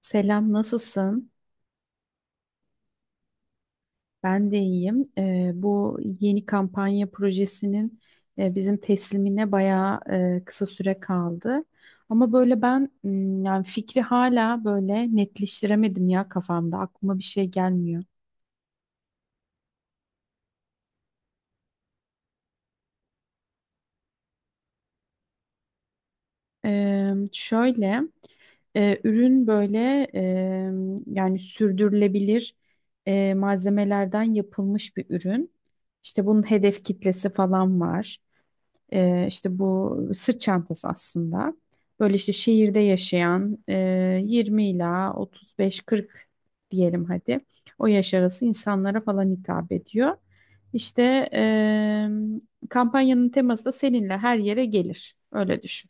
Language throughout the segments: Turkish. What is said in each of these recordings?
Selam, nasılsın? Ben de iyiyim. Bu yeni kampanya projesinin bizim teslimine bayağı kısa süre kaldı. Ama böyle ben yani fikri hala böyle netleştiremedim ya kafamda. Aklıma bir şey gelmiyor. Şöyle ürün böyle e, yani sürdürülebilir malzemelerden yapılmış bir ürün. İşte bunun hedef kitlesi falan var. İşte bu sırt çantası aslında. Böyle işte şehirde yaşayan 20 ila 35-40 diyelim hadi. O yaş arası insanlara falan hitap ediyor. İşte kampanyanın teması da seninle her yere gelir. Öyle düşün.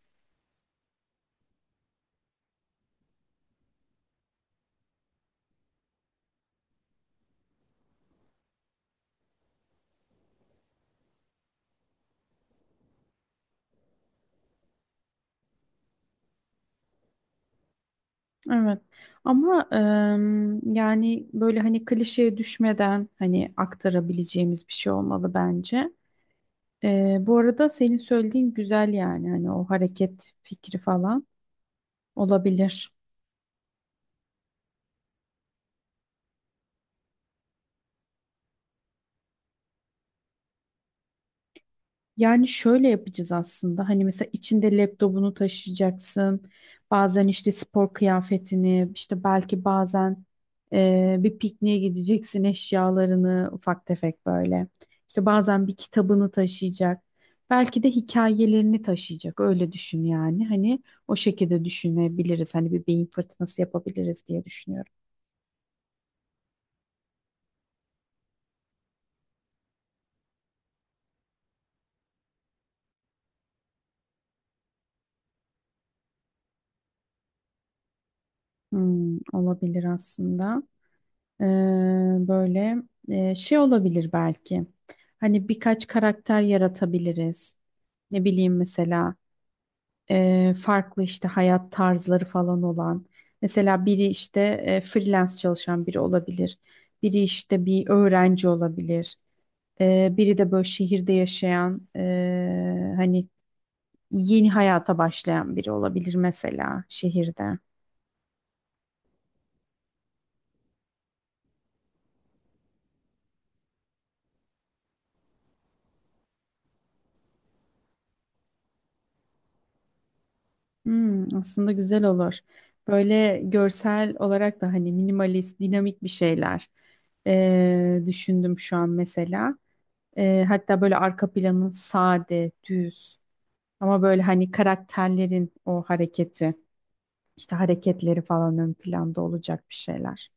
Evet. Ama yani böyle hani klişeye düşmeden hani aktarabileceğimiz bir şey olmalı bence. Bu arada senin söylediğin güzel yani hani o hareket fikri falan. Olabilir. Yani şöyle yapacağız aslında. Hani mesela içinde laptopunu taşıyacaksın. Bazen işte spor kıyafetini, işte belki bazen bir pikniğe gideceksin eşyalarını ufak tefek böyle. İşte bazen bir kitabını taşıyacak. Belki de hikayelerini taşıyacak. Öyle düşün yani. Hani o şekilde düşünebiliriz. Hani bir beyin fırtınası yapabiliriz diye düşünüyorum. Olabilir aslında. Ee, böyle şey olabilir belki. Hani birkaç karakter yaratabiliriz. Ne bileyim mesela farklı işte hayat tarzları falan olan. Mesela biri işte freelance çalışan biri olabilir. Biri işte bir öğrenci olabilir. Biri de böyle şehirde yaşayan hani yeni hayata başlayan biri olabilir mesela şehirde. Aslında güzel olur. Böyle görsel olarak da hani minimalist, dinamik bir şeyler düşündüm şu an mesela. Hatta böyle arka planın sade, düz ama böyle hani karakterlerin o hareketi, işte hareketleri falan ön planda olacak bir şeyler.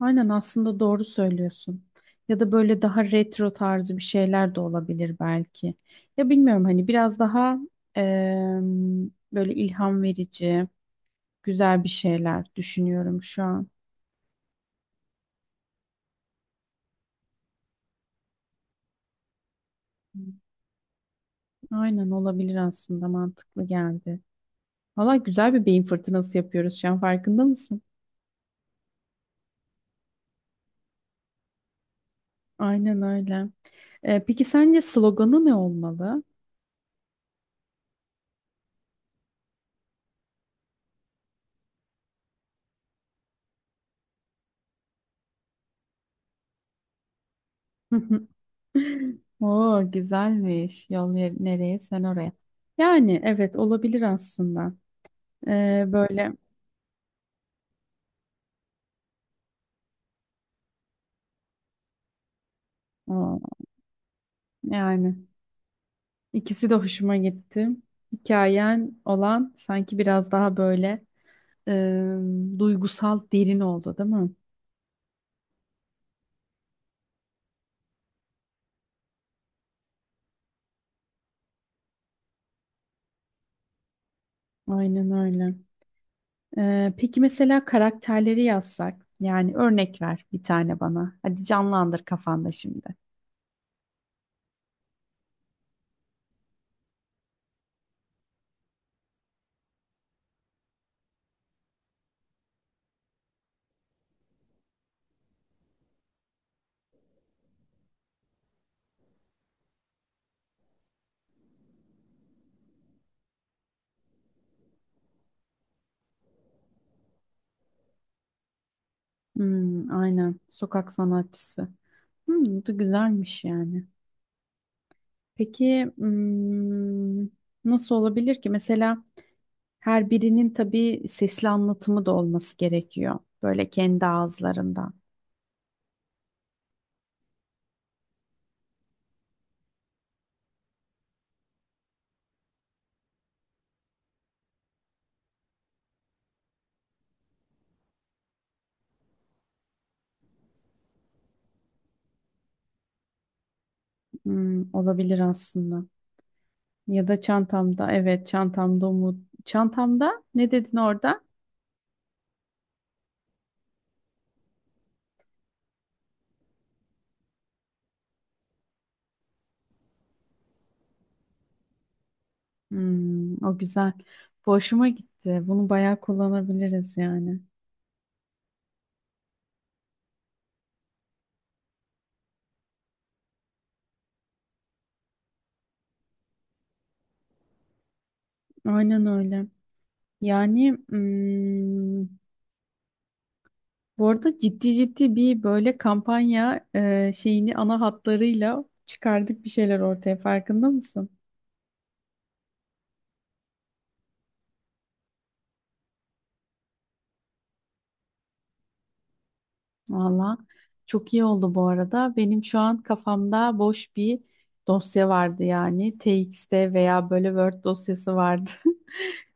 Aynen aslında doğru söylüyorsun. Ya da böyle daha retro tarzı bir şeyler de olabilir belki. Ya bilmiyorum hani biraz daha eee, böyle ilham verici, güzel bir şeyler düşünüyorum şu an. Aynen olabilir aslında mantıklı geldi. Valla güzel bir beyin fırtınası yapıyoruz şu an farkında mısın? Aynen öyle. Peki sence sloganı ne olmalı? Oo güzelmiş. Yol nereye sen oraya. Yani evet olabilir aslında. Böyle aa, yani ikisi de hoşuma gitti. Hikayen olan sanki biraz daha böyle e, duygusal derin oldu, değil mi? Aynen öyle. Peki mesela karakterleri yazsak, yani örnek ver bir tane bana. Hadi canlandır kafanda şimdi. Hmm, aynen. Sokak sanatçısı. Bu da güzelmiş yani. Peki nasıl olabilir ki? Mesela her birinin tabii sesli anlatımı da olması gerekiyor. Böyle kendi ağızlarından. Olabilir aslında. Ya da çantamda. Evet, çantamda umut. Çantamda ne dedin orada? O güzel. Bu hoşuma gitti. Bunu bayağı kullanabiliriz yani. Aynen öyle. Yani, bu arada ciddi ciddi bir böyle kampanya şeyini ana hatlarıyla çıkardık bir şeyler ortaya farkında mısın? Valla çok iyi oldu bu arada. Benim şu an kafamda boş bir dosya vardı yani. TXT veya böyle Word dosyası vardı.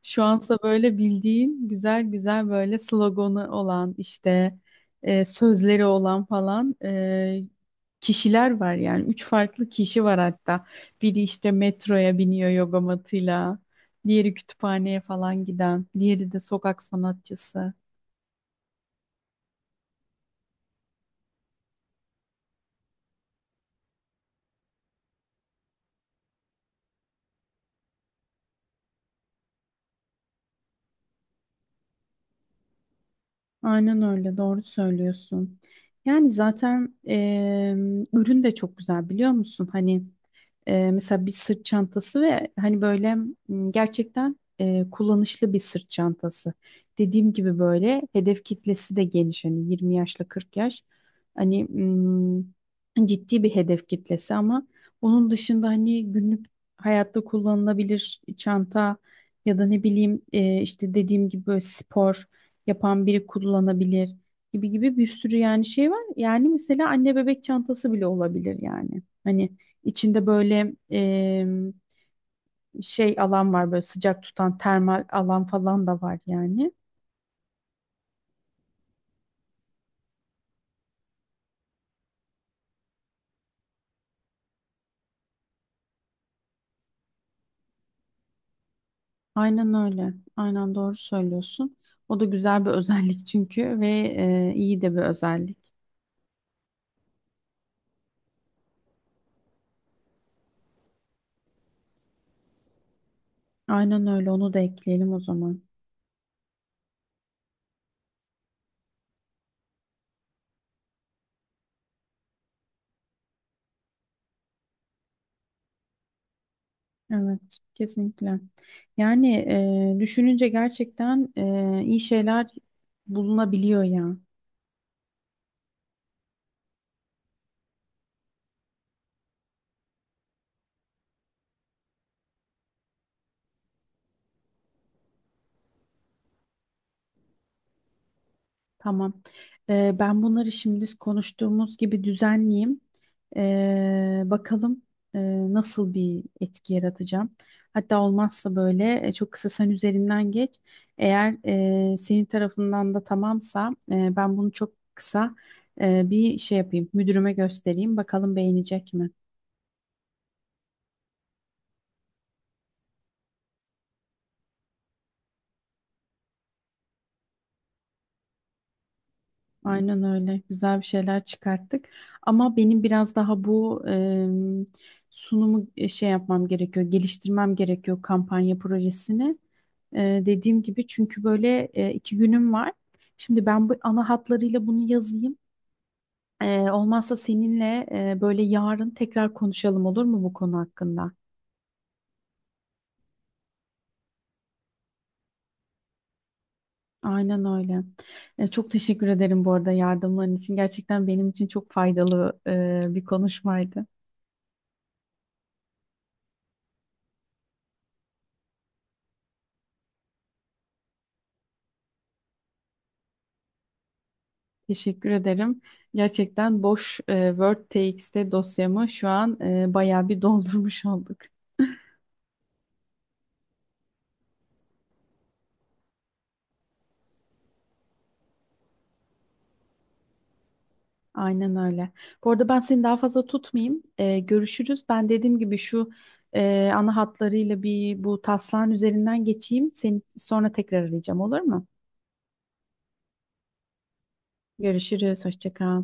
Şu ansa böyle bildiğim güzel güzel böyle sloganı olan işte sözleri olan falan kişiler var yani. Üç farklı kişi var hatta. Biri işte metroya biniyor yoga matıyla. Diğeri kütüphaneye falan giden. Diğeri de sokak sanatçısı. Aynen öyle, doğru söylüyorsun. Yani zaten ürün de çok güzel biliyor musun? Hani mesela bir sırt çantası ve hani böyle gerçekten kullanışlı bir sırt çantası. Dediğim gibi böyle hedef kitlesi de geniş hani 20 yaşla 40 yaş. Hani ciddi bir hedef kitlesi ama onun dışında hani günlük hayatta kullanılabilir çanta ya da ne bileyim işte dediğim gibi böyle spor yapan biri kullanabilir gibi gibi bir sürü yani şey var. Yani mesela anne bebek çantası bile olabilir yani. Hani içinde böyle şey alan var böyle sıcak tutan termal alan falan da var yani. Aynen öyle. Aynen doğru söylüyorsun. O da güzel bir özellik çünkü ve iyi de bir özellik. Aynen öyle onu da ekleyelim o zaman. Evet kesinlikle. Yani, düşününce gerçekten iyi şeyler bulunabiliyor ya. Tamam. Ben bunları şimdi konuştuğumuz gibi düzenleyeyim. Bakalım e, nasıl bir etki yaratacağım. Hatta olmazsa böyle çok kısa sen üzerinden geç. Eğer senin tarafından da tamamsa ben bunu çok kısa bir şey yapayım. Müdürüme göstereyim. Bakalım beğenecek mi? Aynen öyle. Güzel bir şeyler çıkarttık. Ama benim biraz daha bu sunumu şey yapmam gerekiyor, geliştirmem gerekiyor kampanya projesini. E, dediğim gibi çünkü böyle 2 günüm var. Şimdi ben bu ana hatlarıyla bunu yazayım. Olmazsa seninle böyle yarın tekrar konuşalım olur mu bu konu hakkında? Aynen öyle. Çok teşekkür ederim bu arada yardımların için. Gerçekten benim için çok faydalı bir konuşmaydı. Teşekkür ederim. Gerçekten boş WordTXT dosyamı şu an bayağı bir doldurmuş olduk. Aynen öyle. Bu arada ben seni daha fazla tutmayayım. Görüşürüz. Ben dediğim gibi şu ana hatlarıyla bir bu taslağın üzerinden geçeyim. Seni sonra tekrar arayacağım olur mu? Görüşürüz. Hoşça kal.